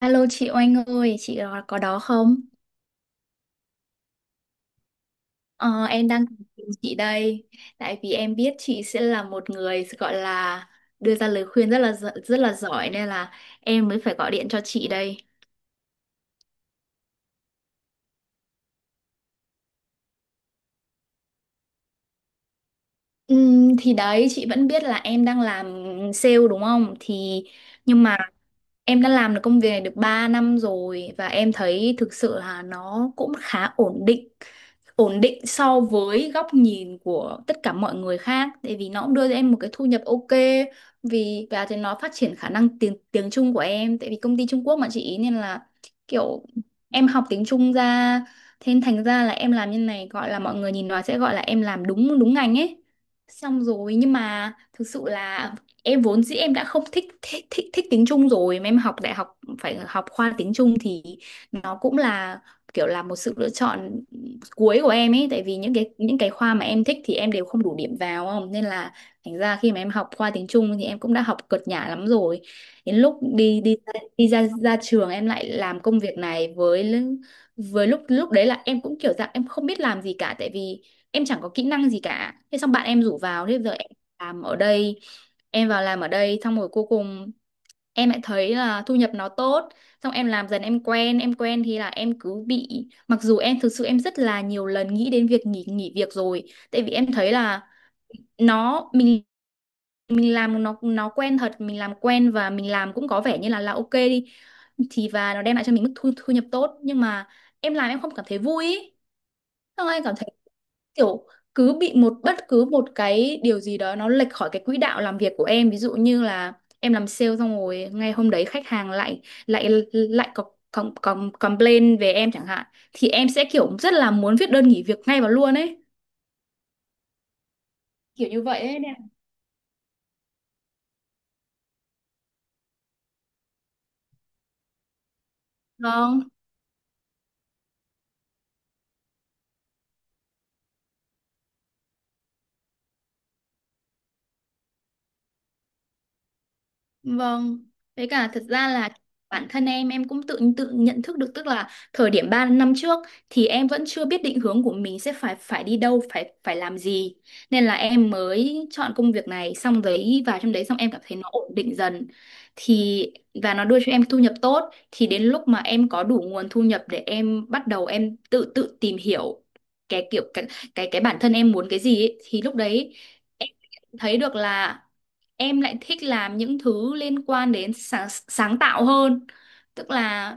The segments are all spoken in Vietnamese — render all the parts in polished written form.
Alo chị Oanh ơi, có đó không? Ờ, em đang tìm chị đây, tại vì em biết chị sẽ là một người gọi là đưa ra lời khuyên rất là giỏi nên là em mới phải gọi điện cho chị đây. Thì đấy chị vẫn biết là em đang làm sale đúng không? Nhưng mà em đã làm được công việc này được 3 năm rồi và em thấy thực sự là nó cũng khá ổn định. Ổn định so với góc nhìn của tất cả mọi người khác, tại vì nó cũng đưa cho em một cái thu nhập ok, vì và thì nó phát triển khả năng tiếng tiếng Trung của em, tại vì công ty Trung Quốc mà chị, nên là kiểu em học tiếng Trung ra. Thế nên thành ra là em làm như này, gọi là mọi người nhìn nói sẽ gọi là em làm đúng đúng ngành ấy, xong rồi nhưng mà thực sự là em vốn dĩ em đã không thích tiếng Trung rồi, mà em học đại học phải học khoa tiếng Trung thì nó cũng là kiểu là một sự lựa chọn cuối của em ấy, tại vì những cái khoa mà em thích thì em đều không đủ điểm vào không, nên là thành ra khi mà em học khoa tiếng Trung thì em cũng đã học cợt nhả lắm rồi. Đến lúc đi đi đi ra ra trường em lại làm công việc này, với lúc lúc đấy là em cũng kiểu dạng em không biết làm gì cả, tại vì em chẳng có kỹ năng gì cả, thế xong bạn em rủ vào, thế giờ em làm ở đây. Em vào làm ở đây xong rồi cuối cùng em lại thấy là thu nhập nó tốt, xong em làm dần em quen em quen, thì là em cứ bị, mặc dù em thực sự em rất là nhiều lần nghĩ đến việc nghỉ nghỉ việc rồi, tại vì em thấy là nó mình làm nó quen thật, mình làm quen và mình làm cũng có vẻ như là ok đi thì, và nó đem lại cho mình mức thu nhập tốt, nhưng mà em làm em không cảm thấy vui ý. Xong anh cảm thấy kiểu cứ bị một, bất cứ một cái điều gì đó nó lệch khỏi cái quỹ đạo làm việc của em, ví dụ như là em làm sale xong rồi ngay hôm đấy khách hàng lại lại lại có có complain về em chẳng hạn, thì em sẽ kiểu rất là muốn viết đơn nghỉ việc ngay vào luôn ấy, kiểu như vậy ấy nè. Vâng, với cả thật ra là bản thân em cũng tự tự nhận thức được, tức là thời điểm 3 năm trước thì em vẫn chưa biết định hướng của mình sẽ phải phải đi đâu, phải phải làm gì. Nên là em mới chọn công việc này xong đấy vào trong đấy, xong em cảm thấy nó ổn định dần. Thì và nó đưa cho em thu nhập tốt, thì đến lúc mà em có đủ nguồn thu nhập để em bắt đầu em tự tự tìm hiểu cái kiểu cái cái bản thân em muốn cái gì ấy, thì lúc đấy em thấy được là em lại thích làm những thứ liên quan đến sáng tạo hơn, tức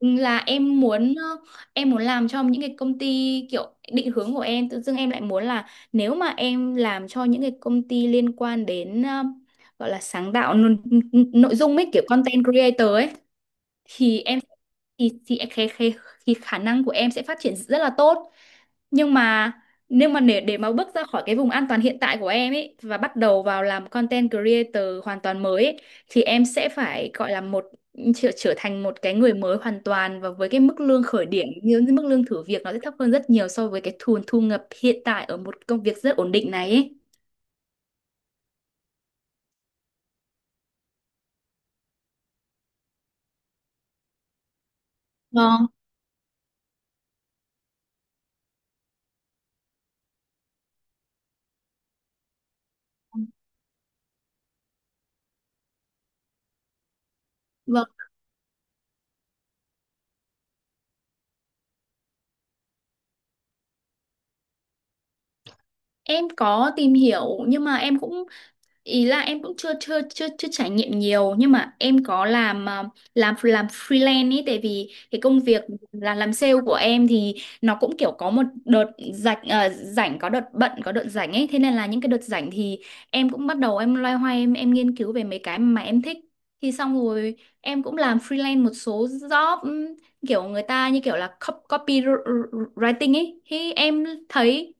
là em muốn, em muốn làm cho những cái công ty kiểu định hướng của em, tự dưng em lại muốn là nếu mà em làm cho những cái công ty liên quan đến, gọi là sáng tạo nội dung ấy, kiểu content creator ấy, thì em thì cái khả năng của em sẽ phát triển rất là tốt. Nhưng mà để mà bước ra khỏi cái vùng an toàn hiện tại của em ấy và bắt đầu vào làm content creator hoàn toàn mới ấy, thì em sẽ phải gọi là một trở thành một cái người mới hoàn toàn, và với cái mức lương khởi điểm như mức lương thử việc nó sẽ thấp hơn rất nhiều so với cái thu thu nhập hiện tại ở một công việc rất ổn định này ấy. Vâng, vâng. Em có tìm hiểu nhưng mà em cũng, ý là em cũng chưa chưa chưa chưa trải nghiệm nhiều, nhưng mà em có làm, làm freelance ấy, tại vì cái công việc là làm sale của em thì nó cũng kiểu có một đợt rảnh, rảnh có đợt bận có đợt rảnh ấy, thế nên là những cái đợt rảnh thì em cũng bắt đầu em loay hoay em nghiên cứu về mấy cái mà em thích, thì xong rồi em cũng làm freelance một số job, kiểu người ta như kiểu là copywriting ấy, thì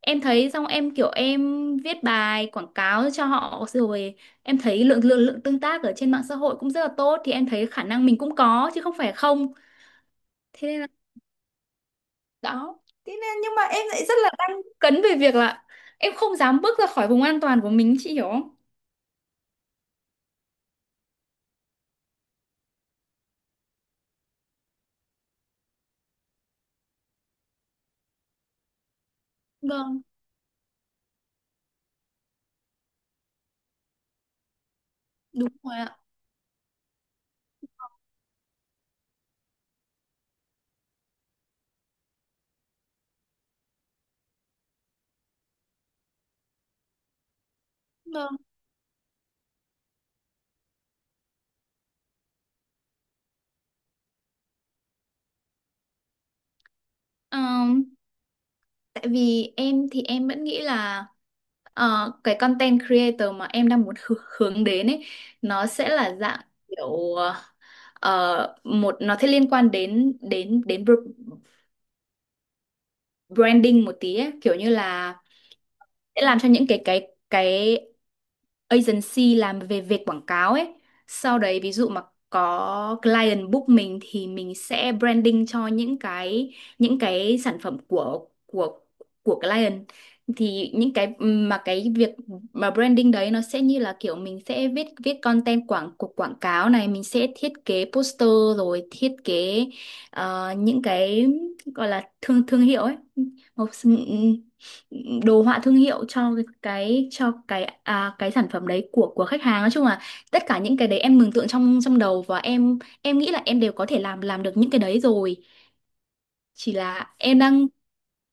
em thấy xong em kiểu em viết bài quảng cáo cho họ rồi, em thấy lượng lượng lượng tương tác ở trên mạng xã hội cũng rất là tốt, thì em thấy khả năng mình cũng có chứ không phải không. Thế nên là đó, thế nên nhưng mà em lại rất là đang cấn về việc là em không dám bước ra khỏi vùng an toàn của mình, chị hiểu không? Vâng, đúng rồi ạ. Vâng. Ờ, Tại vì em thì em vẫn nghĩ là, ờ, cái content creator mà em đang muốn hướng đến ấy, nó sẽ là dạng kiểu, một nó sẽ liên quan đến đến đến branding một tí ấy. Kiểu như là sẽ làm cho những cái agency làm về việc quảng cáo ấy. Sau đấy ví dụ mà có client book mình thì mình sẽ branding cho những cái sản phẩm của của client. Thì những cái mà cái việc mà branding đấy nó sẽ như là kiểu mình sẽ viết viết content quảng cáo này, mình sẽ thiết kế poster rồi thiết kế, những cái gọi là thương thương hiệu ấy. Một, đồ họa thương hiệu cho cái, cái sản phẩm đấy của khách hàng, nói chung là tất cả những cái đấy em mường tượng trong trong đầu, và em nghĩ là em đều có thể làm được những cái đấy rồi. Chỉ là em đang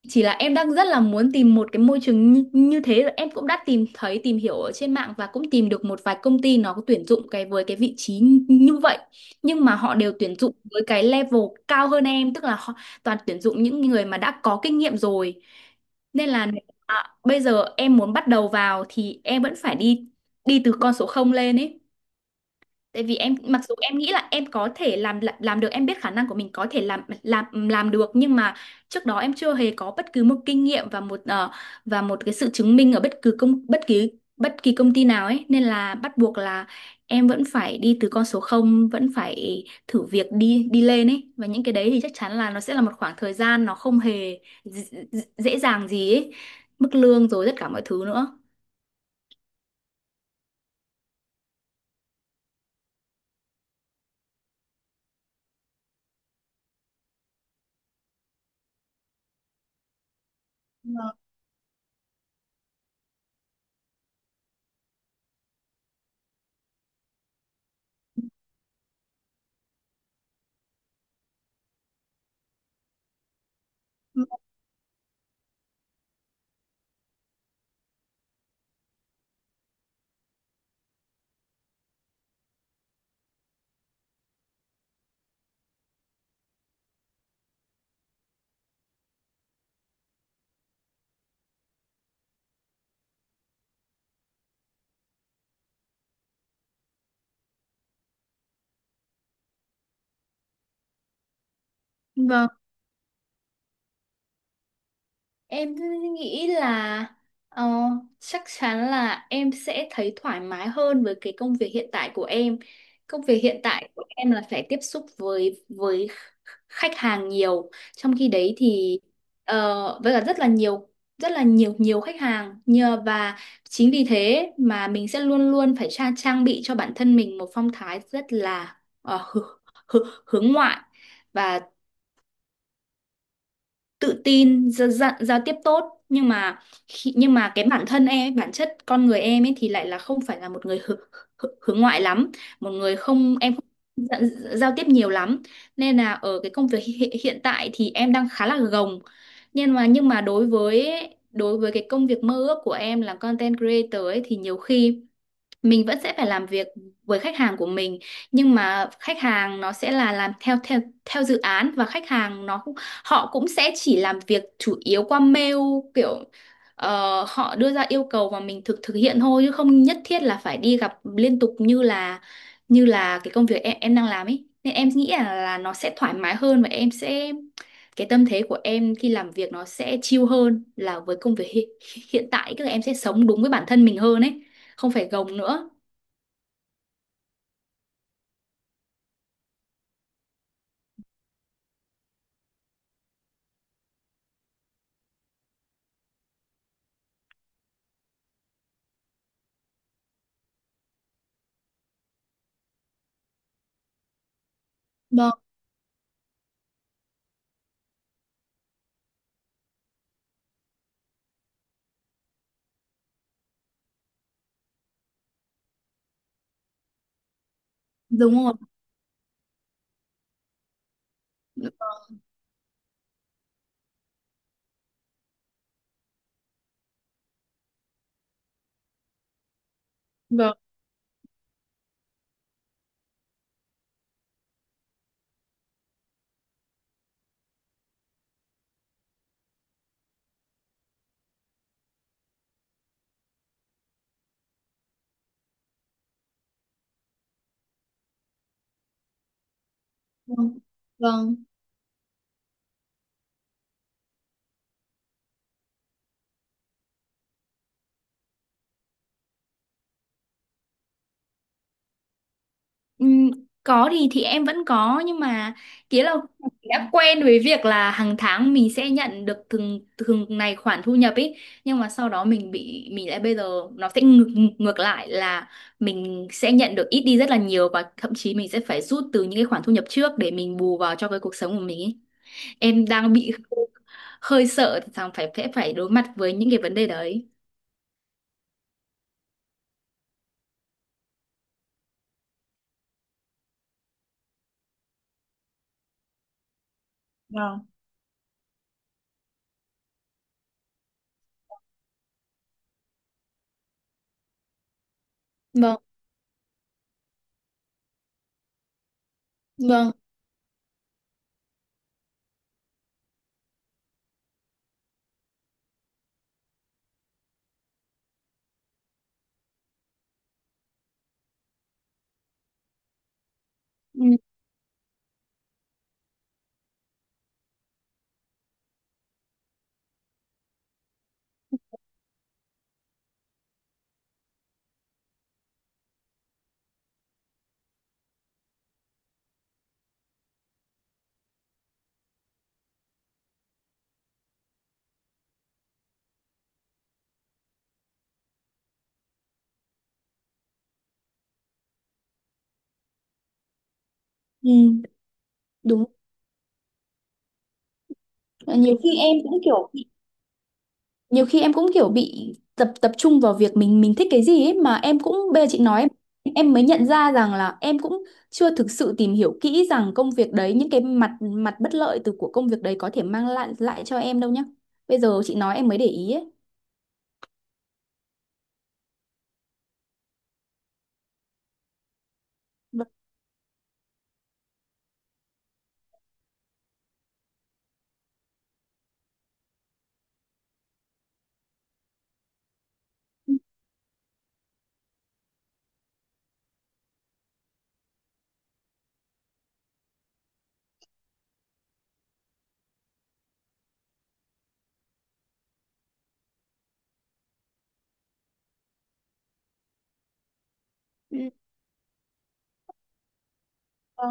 rất là muốn tìm một cái môi trường như thế, rồi em cũng đã tìm hiểu ở trên mạng và cũng tìm được một vài công ty nó có tuyển dụng cái với cái vị trí như như vậy, nhưng mà họ đều tuyển dụng với cái level cao hơn em, tức là họ toàn tuyển dụng những người mà đã có kinh nghiệm rồi, nên là nếu mà bây giờ em muốn bắt đầu vào thì em vẫn phải đi đi từ con số không lên ấy. Tại vì em mặc dù em nghĩ là em có thể làm được, em biết khả năng của mình có thể làm được, nhưng mà trước đó em chưa hề có bất cứ một kinh nghiệm và một, và một cái sự chứng minh ở bất kỳ công ty nào ấy, nên là bắt buộc là em vẫn phải đi từ con số không, vẫn phải thử việc đi đi lên ấy, và những cái đấy thì chắc chắn là nó sẽ là một khoảng thời gian nó không hề dễ dàng gì ấy, mức lương rồi tất cả mọi thứ nữa. Vâng. Em nghĩ là, ờ, chắc chắn là em sẽ thấy thoải mái hơn với cái công việc hiện tại của em. Công việc hiện tại của em là phải tiếp xúc với khách hàng nhiều. Trong khi đấy thì với cả rất là nhiều nhiều khách hàng nhờ và chính vì thế mà mình sẽ luôn luôn phải trang bị cho bản thân mình một phong thái rất là hướng ngoại và tự tin gia, gia, giao tiếp tốt, nhưng mà nhưng mà cái bản thân em ấy, bản chất con người em ấy thì lại là không phải là một người hướng ngoại lắm, một người không dạ- giao tiếp nhiều lắm. Nên là ở cái công việc hiện tại thì em đang khá là gồng, nhưng mà đối với cái công việc mơ ước của em là content creator ấy thì nhiều khi mình vẫn sẽ phải làm việc với khách hàng của mình, nhưng mà khách hàng nó sẽ là làm theo theo theo dự án, và khách hàng, họ cũng sẽ chỉ làm việc chủ yếu qua mail, kiểu họ đưa ra yêu cầu và mình thực thực hiện thôi, chứ không nhất thiết là phải đi gặp liên tục như là cái công việc em đang làm ấy. Nên em nghĩ là nó sẽ thoải mái hơn, và em sẽ cái tâm thế của em khi làm việc nó sẽ chill hơn là với công việc hiện tại, tức là em sẽ sống đúng với bản thân mình hơn ấy, không phải gồng nữa. Vâng, đúng rồi. Vâng, vâng, vâng. Ừm, có thì em vẫn có, nhưng mà nghĩa là đã quen với việc là hàng tháng mình sẽ nhận được từng từng này khoản thu nhập ấy, nhưng mà sau đó mình lại bây giờ nó sẽ ngược ngược lại là mình sẽ nhận được ít đi rất là nhiều, và thậm chí mình sẽ phải rút từ những cái khoản thu nhập trước để mình bù vào cho cái cuộc sống của mình ấy. Em đang bị hơi sợ rằng phải phải phải đối mặt với những cái vấn đề đấy. Vâng, vâng. Ừ, đúng. Nhiều khi em cũng nhiều khi em cũng kiểu bị tập tập trung vào việc mình thích cái gì ấy, mà em cũng bây giờ chị nói em mới nhận ra rằng là em cũng chưa thực sự tìm hiểu kỹ rằng công việc đấy những cái mặt mặt bất lợi từ của công việc đấy có thể mang lại lại cho em đâu nhá. Bây giờ chị nói em mới để ý ấy. Vâng. Ừ.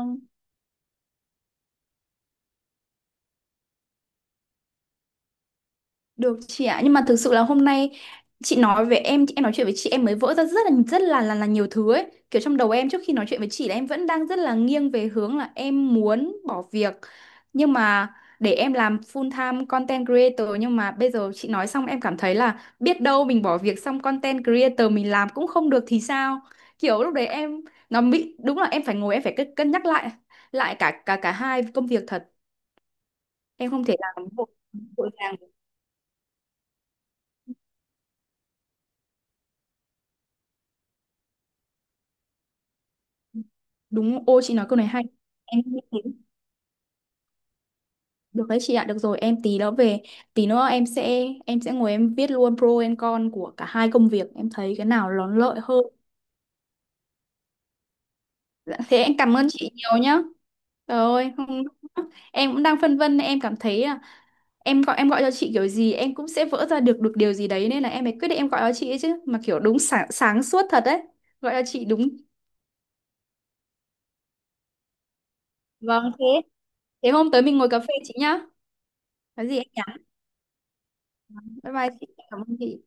Được chị ạ, nhưng mà thực sự là hôm nay chị nói với em nói chuyện với chị em mới vỡ ra rất là là nhiều thứ ấy. Kiểu trong đầu em trước khi nói chuyện với chị là em vẫn đang rất là nghiêng về hướng là em muốn bỏ việc. Nhưng mà để em làm full time content creator, nhưng mà bây giờ chị nói xong em cảm thấy là biết đâu mình bỏ việc xong content creator mình làm cũng không được thì sao? Kiểu lúc đấy em nó bị đúng là em phải ngồi em phải cân cân nhắc lại lại cả cả cả hai công việc thật. Em không thể làm một. Đúng, ô chị nói câu này hay. Em nghĩ đến. Được đấy chị ạ, được rồi, em tí nữa về, tí nữa em sẽ ngồi em viết luôn pro and con của cả hai công việc, em thấy cái nào nó lợi hơn. Dạ, thế em cảm ơn chị nhiều nhá. Trời ơi, em cũng đang phân vân, em cảm thấy à, em gọi cho chị kiểu gì em cũng sẽ vỡ ra được được điều gì đấy, nên là em mới quyết định em gọi cho chị ấy chứ, mà kiểu đúng sáng suốt thật đấy. Gọi cho chị đúng. Vâng thế. Thế hôm tới mình ngồi cà phê chị nhá. Có gì em nhắn. Bye bye chị, cảm ơn chị.